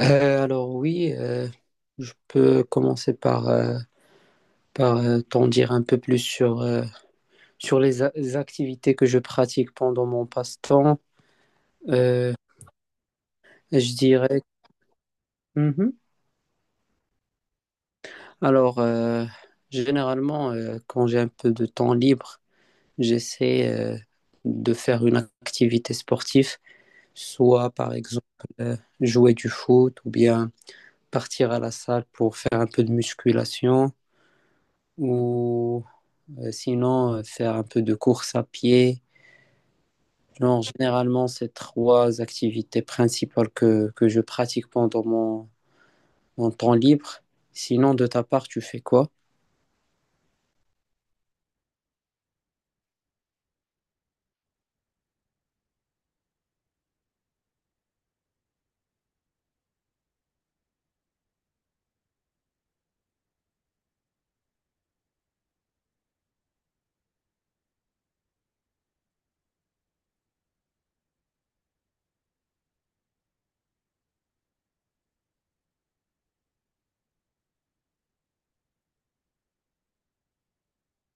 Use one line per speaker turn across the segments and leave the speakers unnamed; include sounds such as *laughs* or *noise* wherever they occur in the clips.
Alors oui, je peux commencer par t'en dire un peu plus sur, sur les activités que je pratique pendant mon passe-temps. Euh, je dirais. Mhm. Alors, généralement, quand j'ai un peu de temps libre, j'essaie de faire une activité sportive, soit par exemple jouer du foot ou bien partir à la salle pour faire un peu de musculation. Sinon, faire un peu de course à pied. Non, généralement, c'est trois activités principales que je pratique pendant mon temps libre. Sinon, de ta part, tu fais quoi?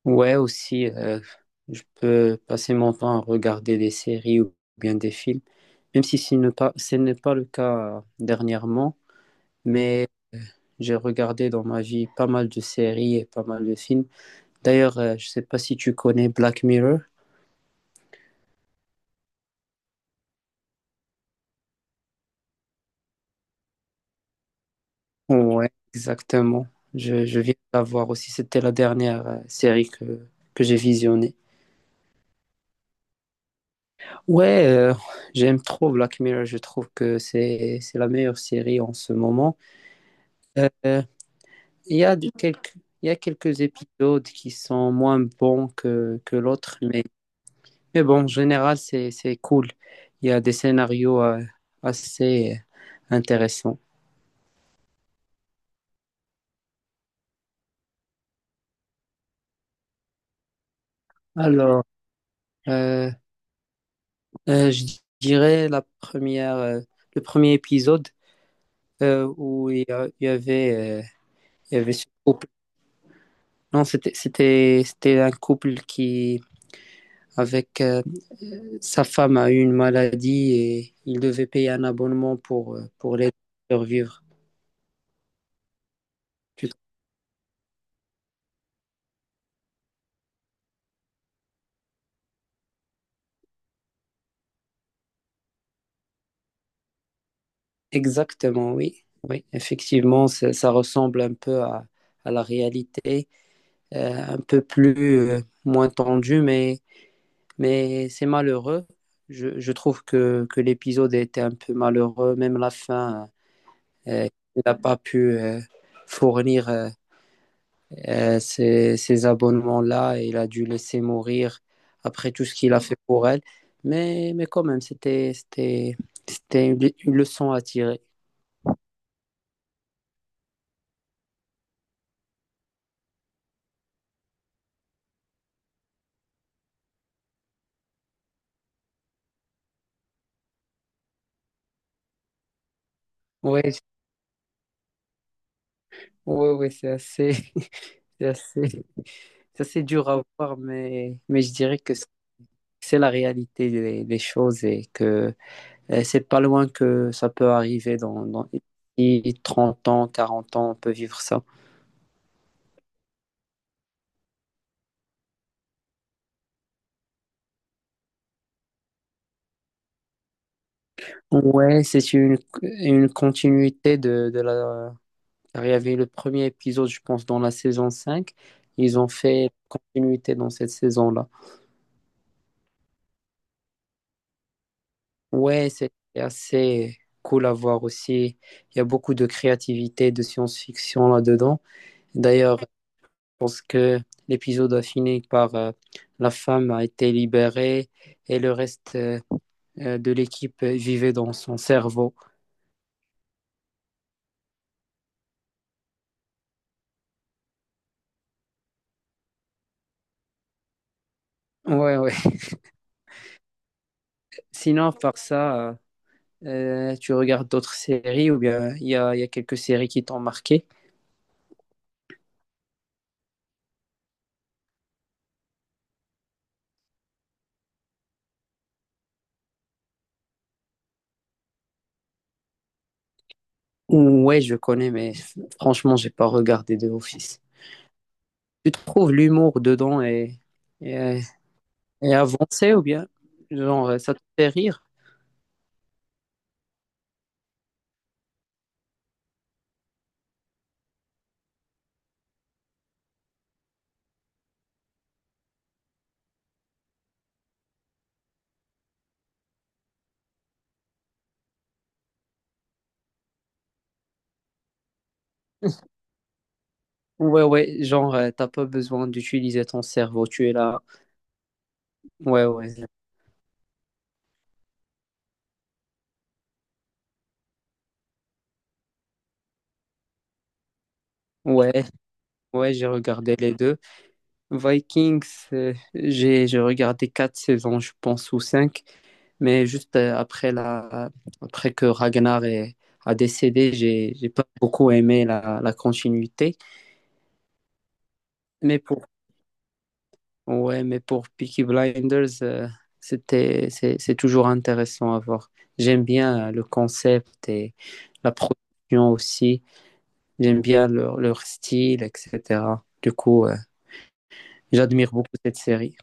Ouais, aussi, je peux passer mon temps à regarder des séries ou bien des films, même si ce n'est pas le cas dernièrement, mais euh, j'ai regardé dans ma vie pas mal de séries et pas mal de films. D'ailleurs, je ne sais pas si tu connais Black Mirror. Ouais, exactement. Je viens de la voir aussi. C'était la dernière série que j'ai visionnée. Ouais, j'aime trop Black Mirror. Je trouve que c'est la meilleure série en ce moment. Euh, il y a de- quelques, il y a quelques épisodes qui sont moins bons que l'autre, mais bon, en général, c'est cool. Il y a des scénarios assez intéressants. Alors, euh, je dirais le premier épisode. Où il y, a- il y avait ce couple. Non, c'était un couple qui, avec sa femme, a eu une maladie et il devait payer un abonnement pour l'aider à survivre. Tu- Exactement, oui. Oui, effectivement, ça ressemble un peu à la réalité, un peu moins tendue, mais c'est malheureux. Je trouve que l'épisode était un peu malheureux, même la fin. Euh, il n'a pas pu fournir ces abonnements-là et il a dû laisser mourir après tout ce qu'il a fait pour elle. Mais quand même, c'était une leçon à tirer. Oui, ouais, ouais, c'est assez, *laughs* c'est assez, c'est assez dur à voir, mais je dirais que c'est la réalité des choses et que c'est pas loin que ça peut arriver dans 30 ans, 40 ans, on peut vivre ça. Ouais, c'est une continuité de la. Car il y avait le premier épisode, je pense, dans la saison 5. Ils ont fait continuité dans cette saison-là. Ouais, c'est assez cool à voir aussi. Il y a beaucoup de créativité, de science-fiction là-dedans. D'ailleurs, je pense que l'épisode a fini par la femme a été libérée et le reste de l'équipe vivait dans son cerveau. Ouais, ouais. *laughs* Sinon, tu regardes d'autres séries ou bien il y a quelques séries qui t'ont marqué? Ouais, je connais, mais franchement, j'ai pas regardé de Office. Tu trouves l'humour dedans et, et avancé ou bien genre ça te fait rire? Ouais, ouais, genre t'as pas besoin d'utiliser ton cerveau, tu es là. Ouais, ouais. Ouais, ouais, j'ai regardé les deux. Vikings, j'ai regardé quatre saisons, je pense, ou cinq. Mais juste après, après que Ragnar a décédé, j'ai pas beaucoup aimé la continuité. Mais pour, ouais, mais pour Peaky Blinders, c'est toujours intéressant à voir. J'aime bien le concept et la production aussi. J'aime bien leur style, etc. Du coup, j'admire beaucoup cette série.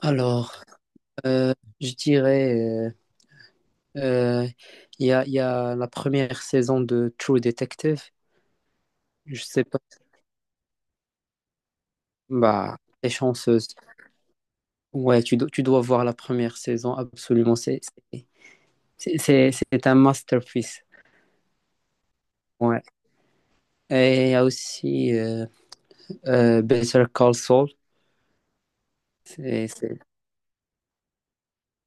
Alors, euh, je dirais, euh, il y a la première saison de True Detective. Je sais pas. Bah, t'es chanceuse. Ouais, tu dois voir la première saison, absolument. C'est- c'est- c'est un masterpiece. Ouais. Et il y a aussi Better Call Saul. C'est c'est-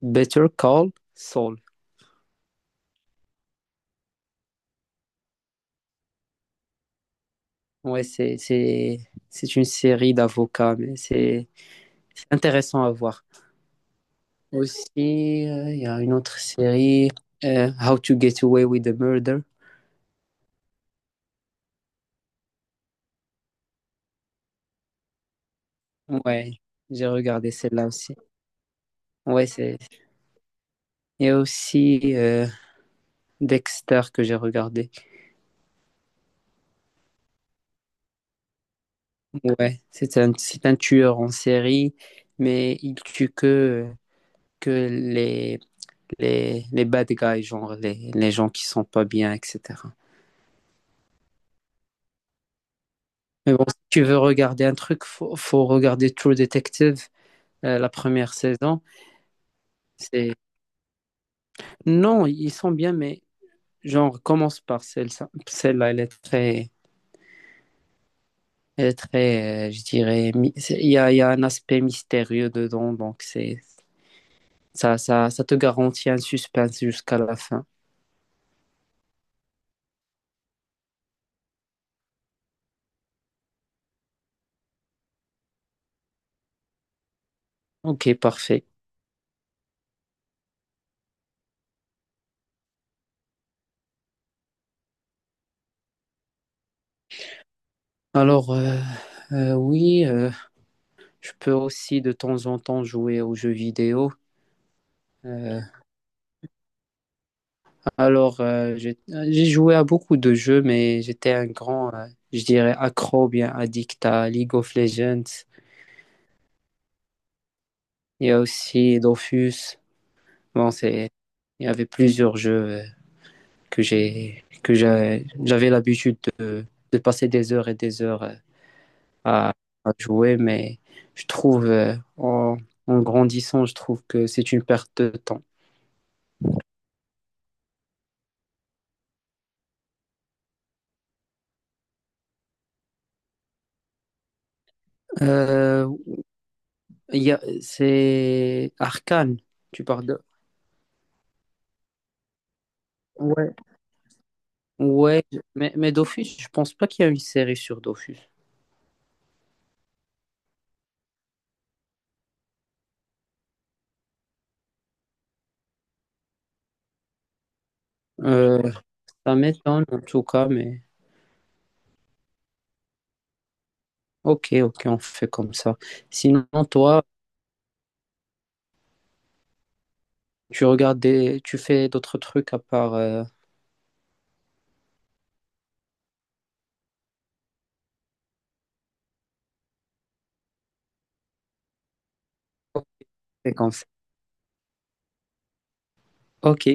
Better Call Saul. Ouais, c'est une série d'avocats, mais c'est intéressant à voir. Aussi, il y a une autre série, How to Get Away with the Murder. Ouais, j'ai regardé celle-là aussi. Ouais, c'est. Il y a aussi Dexter que j'ai regardé. Ouais, c'est un tueur en série, mais il tue que les bad guys, genre les gens qui sont pas bien, etc. Mais bon, si tu veux regarder un truc, faut regarder True Detective, la première saison. C'est... Non, ils sont bien, mais genre, commence par celle-là, elle est très, je dirais, il y a un aspect mystérieux dedans, Ça te garantit un suspense jusqu'à la fin. Ok, parfait. Alors, oui, je peux aussi de temps en temps jouer aux jeux vidéo. Euh, alors, j'ai joué à beaucoup de jeux, mais j'étais un grand, je dirais, accro, bien addict à League of Legends. Il y a aussi Dofus. Bon, il y avait plusieurs jeux j'avais l'habitude de passer des heures et des heures à, à jouer, mais je trouve, en grandissant, je trouve que c'est une perte de temps. Euh, c'est Arcane, tu parles de... Ouais. Ouais, mais Dofus, je pense pas qu'il y a une série sur Dofus. Euh, Ça m'étonne en tout cas, mais ok, ok, on fait comme ça. Sinon, toi, tu regardes des... tu fais d'autres trucs à part... c'est comme ça. Ok.